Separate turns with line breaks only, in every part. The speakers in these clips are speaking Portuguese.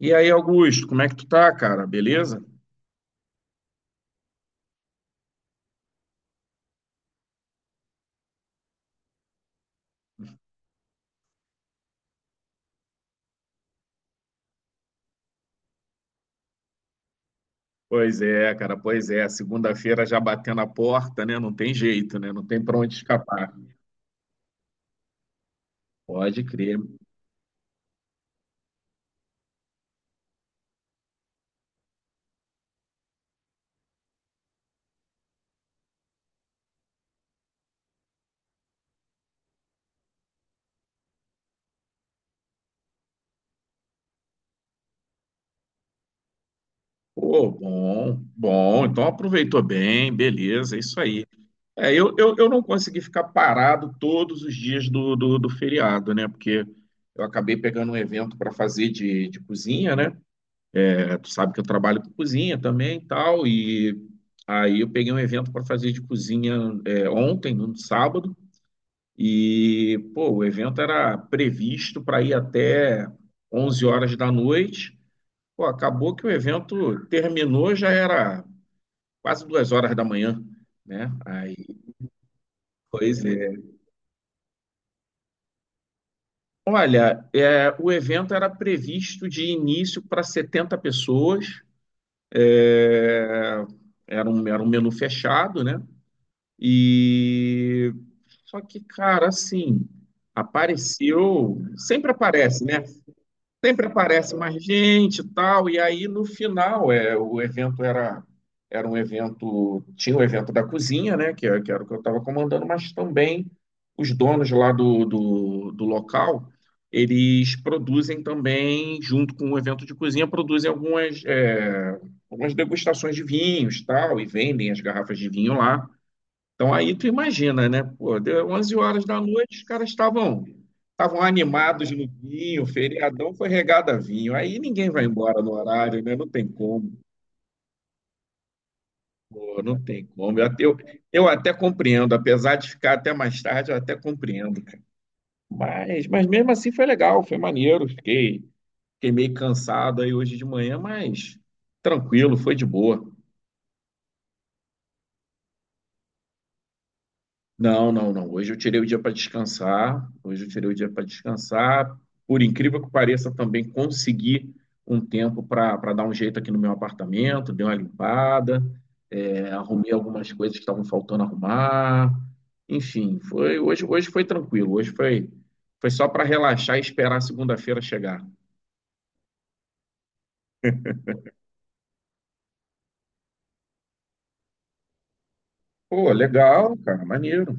E aí, Augusto, como é que tu tá, cara? Beleza? Pois é, cara, pois é. Segunda-feira já batendo a porta, né? Não tem jeito, né? Não tem pra onde escapar. Pode crer. Pô, bom, bom. Então aproveitou bem, beleza, é isso aí. É, eu não consegui ficar parado todos os dias do feriado, né? Porque eu acabei pegando um evento para fazer de cozinha, né? É, tu sabe que eu trabalho com cozinha também e tal, e aí eu peguei um evento para fazer de cozinha ontem, no sábado. E, pô, o evento era previsto para ir até 11 horas da noite. Pô, acabou que o evento terminou, já era quase 2 horas da manhã, né? Aí, pois é. Olha, o evento era previsto de início para 70 pessoas. É, era um menu fechado, né? E só que, cara, assim, apareceu, sempre aparece, né? Sempre aparece mais gente e tal, e aí no final o evento era, tinha o evento da cozinha, né, que era o que eu estava comandando, mas também os donos lá do local, eles produzem também, junto com o evento de cozinha, produzem algumas degustações de vinhos tal, e vendem as garrafas de vinho lá. Então aí tu imagina, né? Pô, deu 11 horas da noite, os caras estavam animados no vinho, feriadão foi regado a vinho. Aí ninguém vai embora no horário, né? Não tem como, pô, não tem como. Eu até compreendo, apesar de ficar até mais tarde, eu até compreendo, cara. Mas mesmo assim foi legal, foi maneiro. Fiquei meio cansado aí hoje de manhã, mas tranquilo, foi de boa. Não, não, não. Hoje eu tirei o dia para descansar. Hoje eu tirei o dia para descansar. Por incrível que pareça, também consegui um tempo para dar um jeito aqui no meu apartamento, dei uma limpada, arrumei algumas coisas que estavam faltando arrumar. Enfim, foi hoje, hoje foi tranquilo. Hoje foi só para relaxar e esperar a segunda-feira chegar. Pô, legal, cara, maneiro.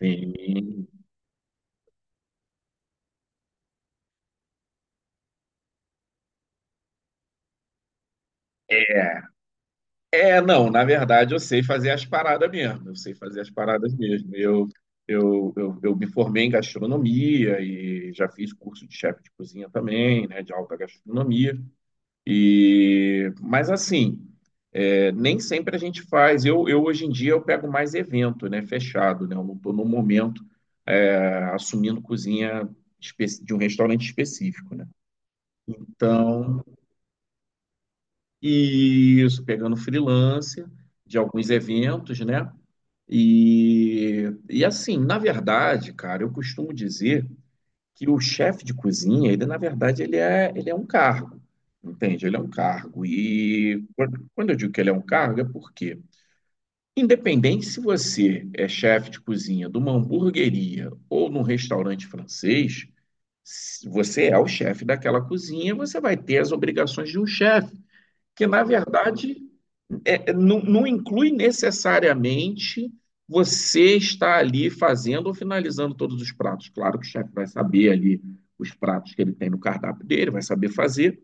Sim. É. É, não, na verdade eu sei fazer as paradas mesmo, eu sei fazer as paradas mesmo. Eu me formei em gastronomia e já fiz curso de chefe de cozinha também, né, de alta gastronomia. E, mas assim, nem sempre a gente faz. Eu hoje em dia eu pego mais evento, né, fechado, né, eu não estou no momento é, assumindo cozinha de um restaurante específico, né. Então, e isso, pegando freelance de alguns eventos, né? E assim, na verdade, cara, eu costumo dizer que o chefe de cozinha, ele na verdade ele é um cargo, entende? Ele é um cargo. E quando eu digo que ele é um cargo, é porque, independente se você é chefe de cozinha de uma hamburgueria ou num restaurante francês, se você é o chefe daquela cozinha, você vai ter as obrigações de um chefe, que na verdade não inclui necessariamente você estar ali fazendo ou finalizando todos os pratos. Claro que o chefe vai saber ali os pratos que ele tem no cardápio dele, vai saber fazer,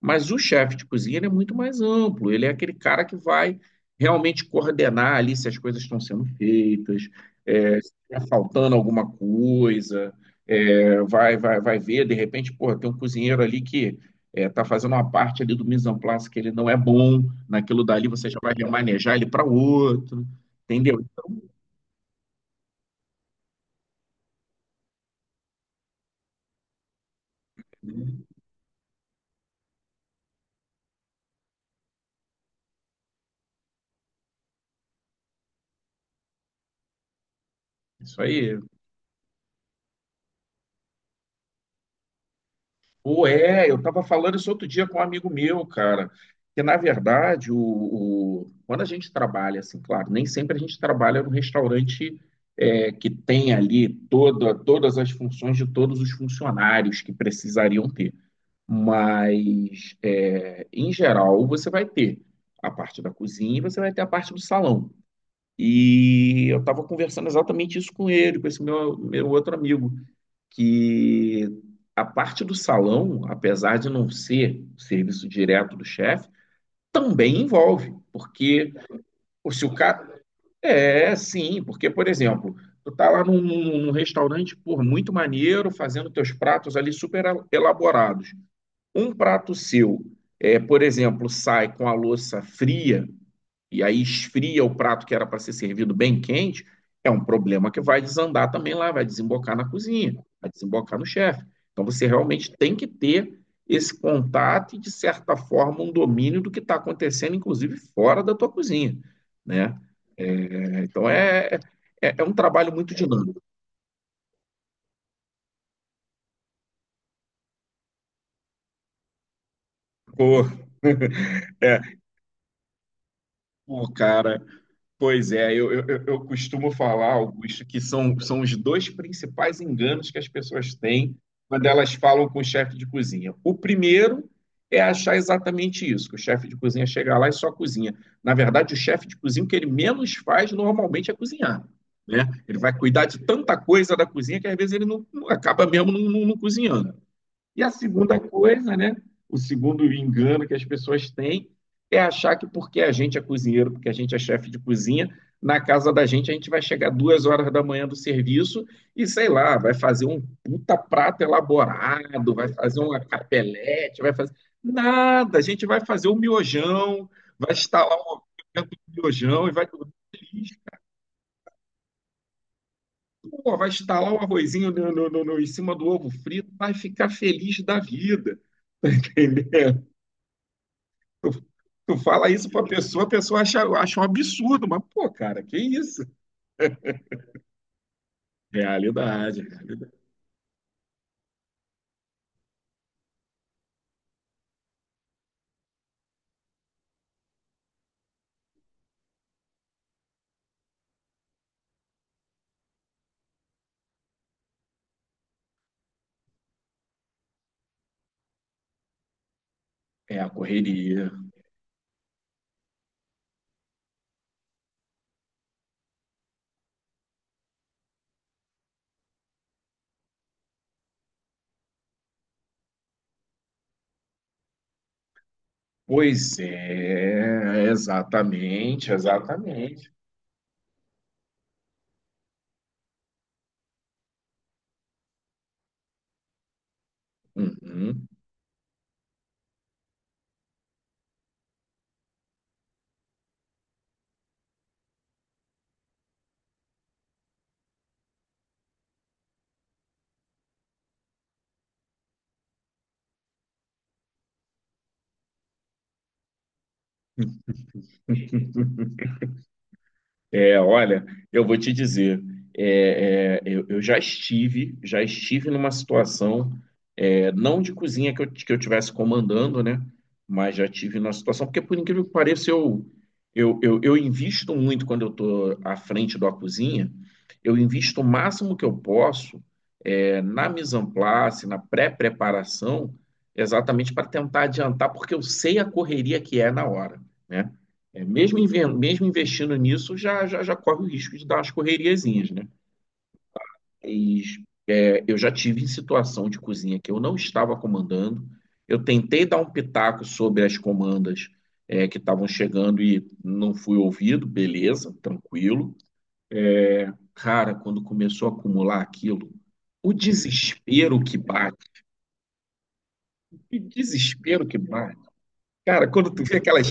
mas o chefe de cozinha ele é muito mais amplo, ele é aquele cara que vai realmente coordenar ali se as coisas estão sendo feitas, se está faltando alguma coisa, vai ver, de repente, pô, tem um cozinheiro ali que está fazendo uma parte ali do mise en place que ele não é bom, naquilo dali você já vai remanejar ele para outro, entendeu? Isso aí. Pô, eu estava falando isso outro dia com um amigo meu, cara, que na verdade, quando a gente trabalha, assim, claro, nem sempre a gente trabalha num restaurante que tem ali todas as funções de todos os funcionários que precisariam ter. Mas, em geral, você vai ter a parte da cozinha e você vai ter a parte do salão. E eu estava conversando exatamente isso com ele, com esse meu outro amigo que a parte do salão, apesar de não ser o serviço direto do chefe, também envolve, porque se o cara. É, sim, porque, por exemplo, tu tá lá num restaurante, por muito maneiro, fazendo teus pratos ali super elaborados. Um prato seu, por exemplo, sai com a louça fria, e aí esfria o prato que era para ser servido bem quente, é um problema que vai desandar também lá, vai desembocar na cozinha, vai desembocar no chefe. Então você realmente tem que ter esse contato e, de certa forma, um domínio do que está acontecendo, inclusive fora da tua cozinha, né? É, então é um trabalho muito dinâmico. Pô, é, pô, cara, pois é, eu costumo falar, Augusto, que são os dois principais enganos que as pessoas têm quando elas falam com o chefe de cozinha. O primeiro é achar exatamente isso, que o chefe de cozinha chega lá e só cozinha. Na verdade, o chefe de cozinha, o que ele menos faz normalmente é cozinhar, né? Ele vai cuidar de tanta coisa da cozinha que às vezes ele não, não- acaba mesmo não cozinhando. E a segunda coisa, né? O segundo engano que as pessoas têm é achar que porque a gente é cozinheiro, porque a gente é chefe de cozinha, na casa da gente a gente vai chegar 2 horas da manhã do serviço e, sei lá, vai fazer um puta prato elaborado, vai fazer uma capelete, vai fazer. Nada, a gente vai fazer o miojão, vai instalar o miojão e vai feliz. Pô, vai instalar o arrozinho em cima do ovo frito, vai ficar feliz da vida, entendeu? Tu, tu fala isso pra pessoa, a pessoa acha, acha um absurdo, mas, pô, cara, que isso? Realidade, realidade. É a correria. Pois é, exatamente, exatamente. Uhum. É, olha, eu vou te dizer, eu já estive numa situação, não de cozinha que eu tivesse comandando, né? Mas já tive numa situação, porque por incrível que pareça, eu invisto muito quando eu estou à frente da cozinha, eu invisto o máximo que eu posso na mise en place, na pré-preparação, exatamente para tentar adiantar, porque eu sei a correria que é na hora, né? É, mesmo, mesmo investindo nisso, já corre o risco de dar umas correriazinhas, né? E, eu já tive em situação de cozinha que eu não estava comandando, eu tentei dar um pitaco sobre as comandas que estavam chegando e não fui ouvido, beleza, tranquilo. Cara, quando começou a acumular aquilo, o desespero que bate. Que desespero que bate. Cara, quando tu vê aquelas.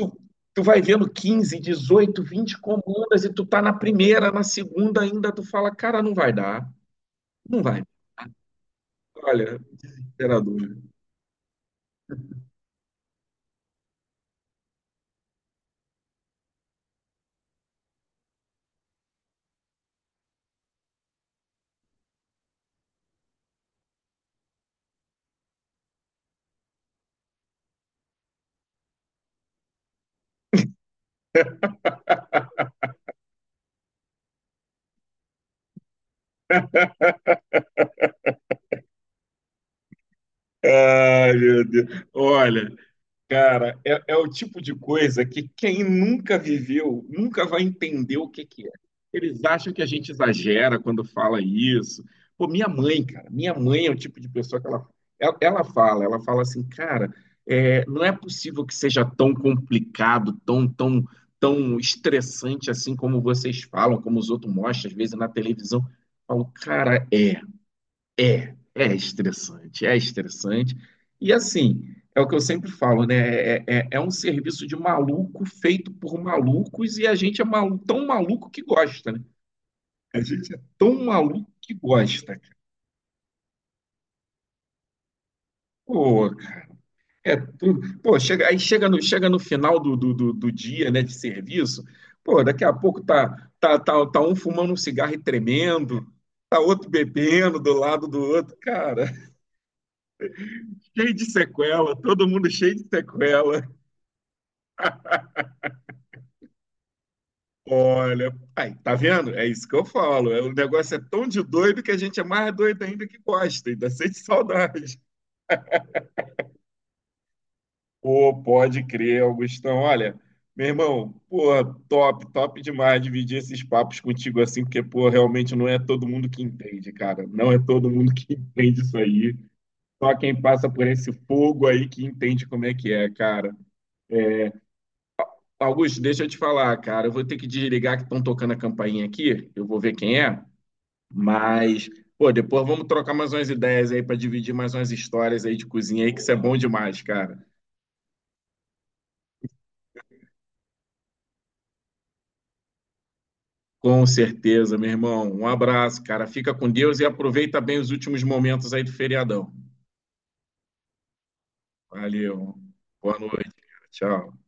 Tu, tu vai vendo 15, 18, 20 comandas e tu tá na primeira, na segunda ainda, tu fala, cara, não vai dar. Não vai. Olha, imperador. Ai, meu Deus. Olha, cara, é o tipo de coisa que quem nunca viveu nunca vai entender o que que é. Eles acham que a gente exagera quando fala isso. Pô, minha mãe, cara, minha mãe é o tipo de pessoa que ela fala assim, cara, não é possível que seja tão complicado, tão estressante assim como vocês falam, como os outros mostram, às vezes na televisão. Eu falo, cara, é. É estressante, é estressante. E assim, é o que eu sempre falo, né? É um serviço de maluco feito por malucos e a gente tão maluco que gosta, né? A gente é tão maluco que gosta. Pô, é tudo. Pô, chega, aí chega no final do dia, né, de serviço, pô, daqui a pouco tá um fumando um cigarro e tremendo, tá outro bebendo do lado do outro, cara, cheio de sequela, todo mundo cheio de sequela. Olha, aí, tá vendo? É isso que eu falo. É, o negócio é tão de doido que a gente é mais doido ainda que gosta, ainda sente saudade. Pô, pode crer, Augustão. Olha, meu irmão, porra, top, top demais dividir esses papos contigo assim, porque, pô, realmente não é todo mundo que entende, cara. Não é todo mundo que entende isso aí. Só quem passa por esse fogo aí que entende como é que é, cara. Augusto, deixa eu te falar, cara. Eu vou ter que desligar que estão tocando a campainha aqui. Eu vou ver quem é. Mas, pô, depois vamos trocar mais umas ideias aí para dividir mais umas histórias aí de cozinha aí, que isso é bom demais, cara. Com certeza, meu irmão. Um abraço, cara. Fica com Deus e aproveita bem os últimos momentos aí do feriadão. Valeu. Boa noite. Tchau.